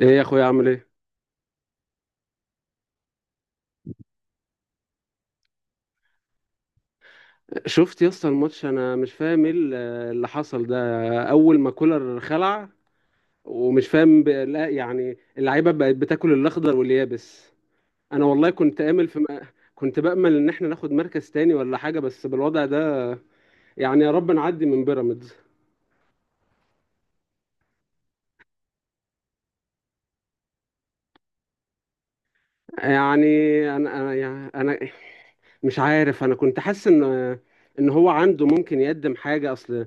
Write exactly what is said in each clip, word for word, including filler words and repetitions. ايه يا اخويا، عامل ايه؟ شفت يا اسطى الماتش، انا مش فاهم ايه ال- اللي حصل ده. اول ما كولر خلع ومش فاهم ب... لا يعني اللعيبه بقت بتاكل الاخضر واليابس. انا والله كنت امل في م... كنت بامل ان احنا ناخد مركز تاني ولا حاجه، بس بالوضع ده يعني يا رب نعدي من بيراميدز. يعني انا انا يعني انا مش عارف، انا كنت حاسس ان ان هو عنده ممكن يقدم حاجه. اصل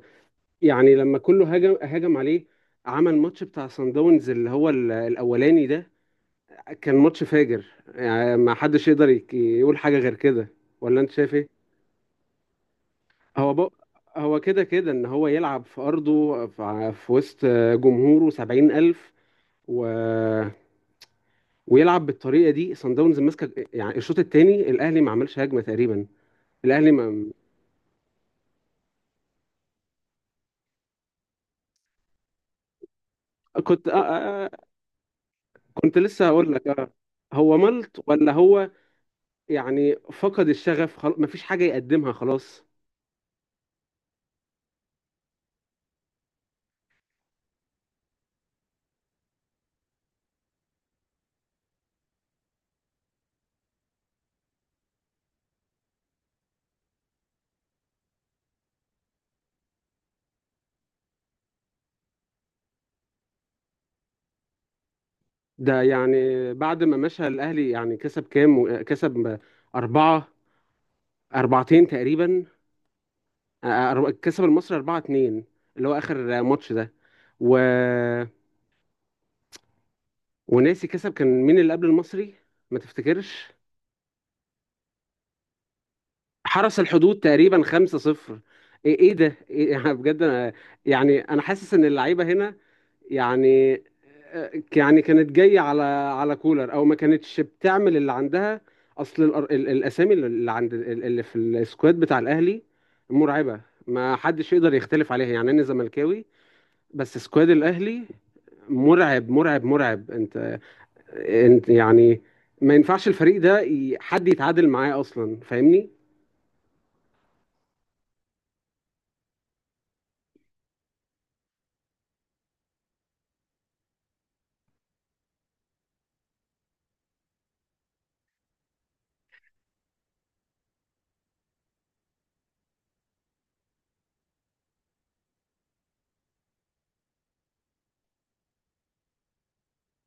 يعني لما كله هاجم هاجم عليه، عمل ماتش بتاع سان داونز اللي هو ال- الاولاني ده، كان ماتش فاجر يعني. ما حدش يقدر يك- يقول حاجه غير كده، ولا انت شايف ايه؟ هو بق... هو كده كده ان هو يلعب في ارضه، في في وسط جمهوره سبعين الف، و... ويلعب بالطريقه دي، سان داونز ماسكه. يعني الشوط الثاني الاهلي ما عملش هجمه تقريبا. الاهلي ما كنت آه آه آه، كنت لسه هقول لك، آه. هو ملط، ولا هو يعني فقد الشغف؟ خلاص مفيش حاجة يقدمها، خلاص. ده يعني بعد ما مشى الأهلي يعني كسب كام؟ كسب أربعة، أربعتين تقريبا. آه، أر- كسب المصري أربعة اتنين، اللي هو آخر ماتش ده. و... وناسي كسب، كان مين اللي قبل المصري؟ ما تفتكرش؟ حرس الحدود تقريبا خمسة صفر. ايه؟ إيه ده إيه أنا بجد، انا يعني انا حاسس ان اللعيبه هنا، يعني آه، يعني كانت جايه على على كولر، او ما كانتش بتعمل اللي عندها. اصل الأر- ال- الاسامي اللي عند اللي في السكواد بتاع الاهلي مرعبه. ما حدش يقدر يختلف عليها، يعني انا زملكاوي بس سكواد الاهلي مرعب مرعب مرعب. انت انت يعني ما ينفعش الفريق ده ي- حد يتعادل معاه اصلا، فاهمني؟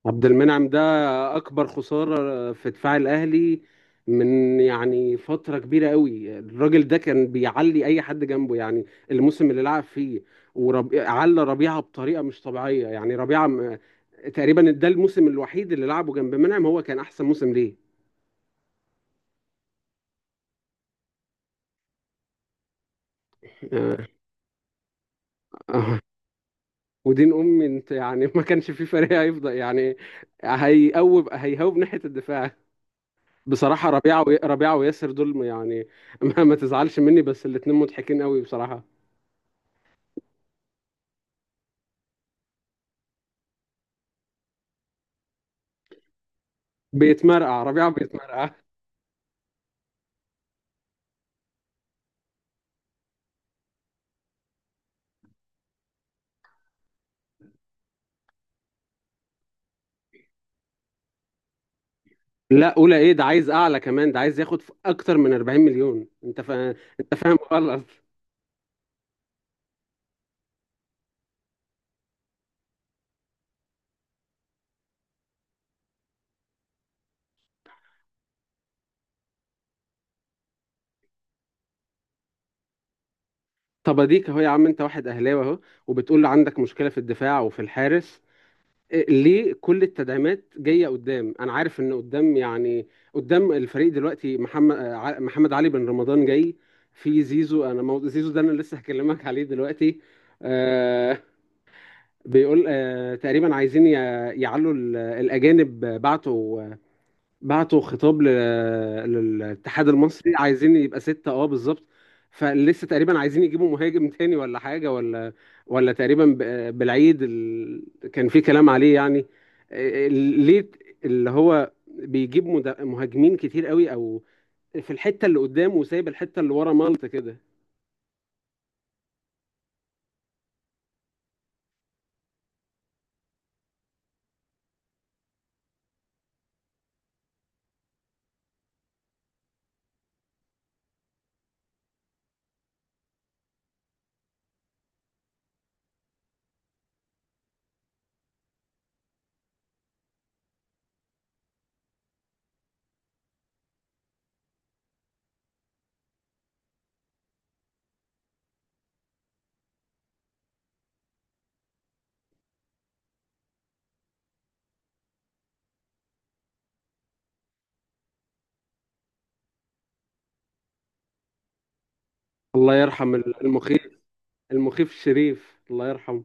عبد المنعم ده اكبر خساره في دفاع الاهلي من يعني فتره كبيره قوي. الراجل ده كان بيعلي اي حد جنبه يعني، الموسم اللي لعب فيه وربي... على ربيعه بطريقه مش طبيعيه. يعني ربيعه م... تقريبا ده الموسم الوحيد اللي لعبه جنب منعم هو كان احسن موسم ليه. آه، آه. ودين امي، انت يعني ما كانش في فريق هيفضل يعني هيقوب هيهوب ناحيه الدفاع. بصراحة ربيعة و... ربيعة وياسر دول يعني ما, ما تزعلش مني، بس الاتنين مضحكين قوي بصراحة. بيتمرقع ربيعة بيتمرقع. لا، أولى إيه؟ ده عايز أعلى كمان، ده عايز ياخد ف- أكتر من أربعين مليون. أنت فا... أنت فاهم غلط. طب أديك أهو يا عم، أنت واحد أهلاوي أهو، وبتقول عندك مشكلة في الدفاع وفي الحارس. ليه كل التدعيمات جايه قدام؟ انا عارف ان قدام يعني، قدام الفريق دلوقتي محمد آه، ع- محمد علي بن رمضان جاي، في زيزو. انا مو... زيزو ده انا لسه هكلمك عليه دلوقتي. آه بيقول آه تقريبا عايزين ي- يعلوا ال- الاجانب. بعتوا بعتوا خطاب ل- للاتحاد المصري، عايزين يبقى ستة، اه بالظبط. فلسه تقريبا عايزين يجيبوا مهاجم تاني ولا حاجة. ولا ولا تقريبا ب- بالعيد ال... كان في كلام عليه يعني، ال- ليه اللي هو بيجيب مد- مهاجمين كتير قوي، او في الحتة اللي قدام وسايب الحتة اللي ورا ملط كده. الله يرحم ال- المخيف، المخيف الشريف الله يرحمه.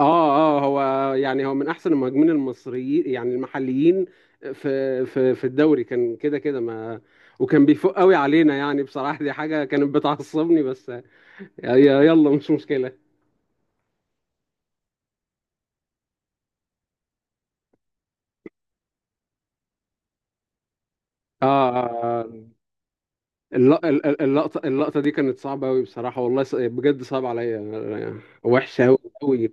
اه اه هو يعني هو من احسن المهاجمين المصريين يعني المحليين، في في في الدوري كان كده كده ما وكان بيفوق قوي علينا يعني. بصراحة دي حاجة كانت بتعصبني، بس ي- يلا مش مشكلة. اه، آه، آه. الل- ال- ال- اللقطة اللقطة دي كانت صعبة قوي بصراحة، والله ص- بجد صعبة عليا، وحشة قوي قوي.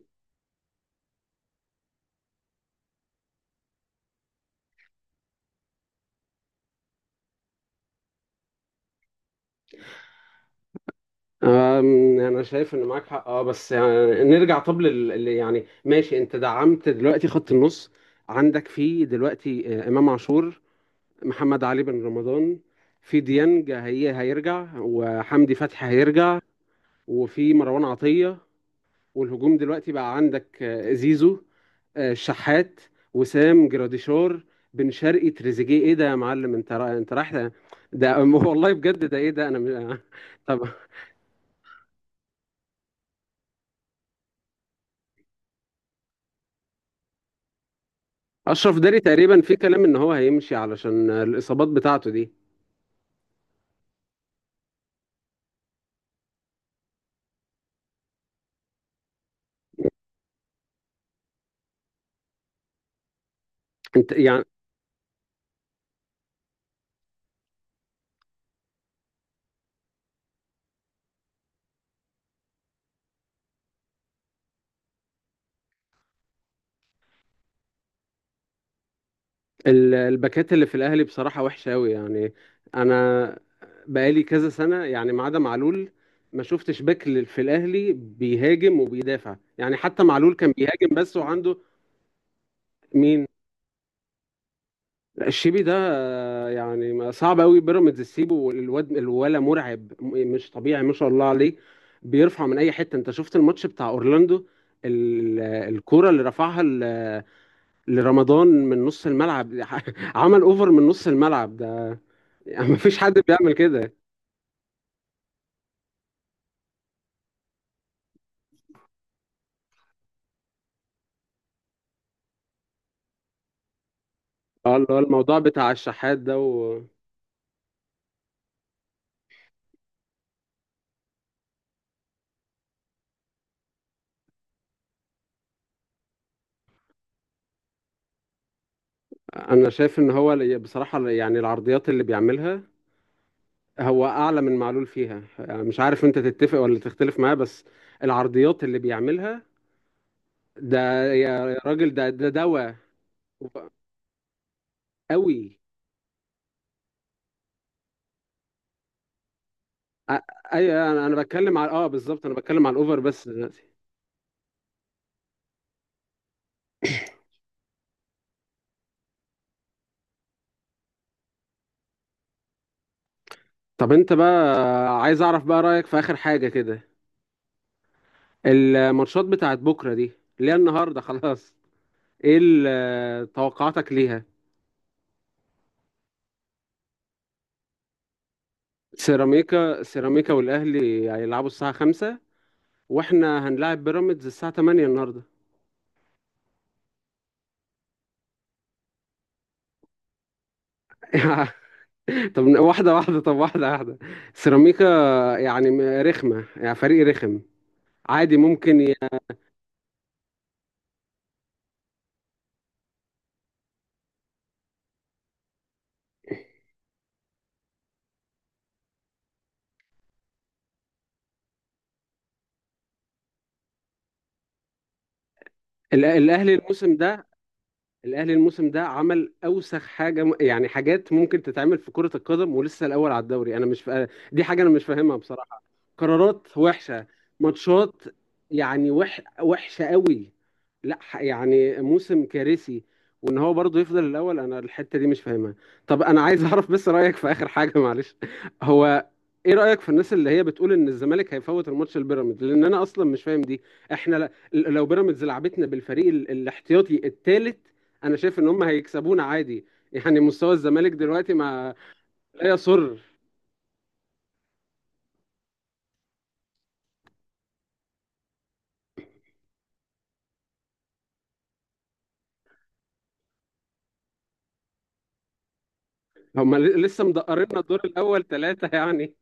أم، انا شايف ان معاك حق، اه، بس يعني نرجع. طب لل لل- يعني ماشي، انت دعمت دلوقتي خط النص. عندك فيه دلوقتي آه، امام عاشور، محمد علي بن رمضان، في ديانج هي هيرجع، وحمدي فتحي هيرجع، وفي مروان عطية. والهجوم دلوقتي بقى عندك آه، زيزو، آه، الشحات، وسام جراديشار، بن شرقي، تريزيجيه. ايه ده يا معلم؟ انت را... انت رايح ده. ده- والله بجد. ده ايه ده؟ انا م... طب. اشرف داري تقريبا في كلام ان هو هيمشي علشان الاصابات بتاعته دي. انت يعني ال- الباكات اللي في الاهلي بصراحه وحشه قوي يعني. انا بقالي كذا سنه يعني، ما عدا معلول، ما شفتش باك لل- في الاهلي بيهاجم وبيدافع، يعني حتى معلول كان بيهاجم بس وعنده. مين؟ الشيبي ده، آه، يعني ما- صعب قوي بيراميدز تسيبه، والواد الولا مرعب، م- مش طبيعي ما شاء الله عليه. بيرفع من اي حته. انت شفت الماتش بتاع اورلاندو، ال- الكرة اللي رفعها ل- لرمضان من نص الملعب عمل اوفر من نص الملعب ده، يعني مفيش حد بيعمل كده. اه، اللي هو الموضوع بتاع الشحات ده. وانا شايف ان هو ال- بصراحة يعني العرضيات اللي بيعملها، هو اعلى من معلول فيها، يعني مش عارف انت تتفق ولا تختلف معاه، بس العرضيات اللي بيعملها ده، يا راجل ده ده دواء قوي. أ- ايوه، انا أنا بتكلم على، اه، بالظبط، انا بتكلم على الاوفر بس دلوقتي. طب انت بقى، عايز اعرف بقى رايك في اخر حاجه كده. الماتشات بتاعت بكره دي اللي هي النهارده خلاص، ايه ال- توقعاتك ليها؟ سيراميكا، سيراميكا والاهلي هيلعبوا الساعه خمسة، واحنا هنلاعب بيراميدز الساعه تمانية النهارده. طب واحده واحده، طب واحده واحده سيراميكا يعني، م- رخمه، يعني فريق رخم عادي، ممكن ي... الأ- الاهلي الموسم ده الاهلي الموسم ده عمل اوسخ حاجه، م- يعني حاجات ممكن تتعمل في كره القدم، ولسه الاول على الدوري. انا مش فا... دي حاجه انا مش فاهمها بصراحه، قرارات وحشه، ماتشات يعني وح... وحشه قوي. لا، ح- يعني موسم كارثي، وان هو برضه يفضل الاول. انا الحته دي مش فاهمها. طب انا عايز اعرف بس رايك في اخر حاجه، معلش، هو، ايه رايك في الناس اللي هي بتقول ان الزمالك هيفوت الماتش البيراميدز؟ لان انا اصلا مش فاهم دي. احنا ل- لو بيراميدز لعبتنا بالفريق ال- الاحتياطي الثالث، انا شايف ان هم هيكسبونا عادي. يعني مستوى الزمالك دلوقتي ما... لا يسر. هم ل- لسه مدقرنا الدور الاول ثلاثة يعني.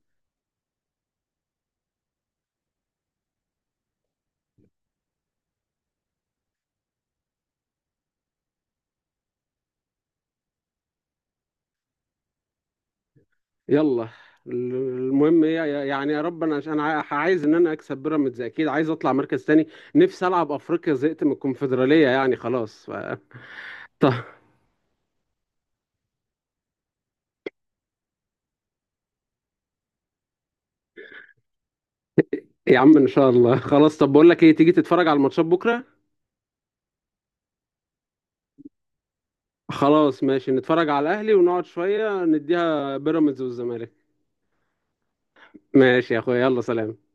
يلا، ال- المهم إيه، يعني يا رب، انا انا ع- عايز ان انا اكسب بيراميدز، اكيد عايز اطلع مركز تاني. نفسي العب افريقيا، زهقت من الكونفدرالية يعني خلاص. ف... طب. يا عم ان شاء الله خلاص، طب بقول لك ايه، تيجي تتفرج على الماتشات بكرة؟ خلاص ماشي، نتفرج على الاهلي ونقعد شوية نديها بيراميدز والزمالك. ماشي يا اخويا، يلا سلام.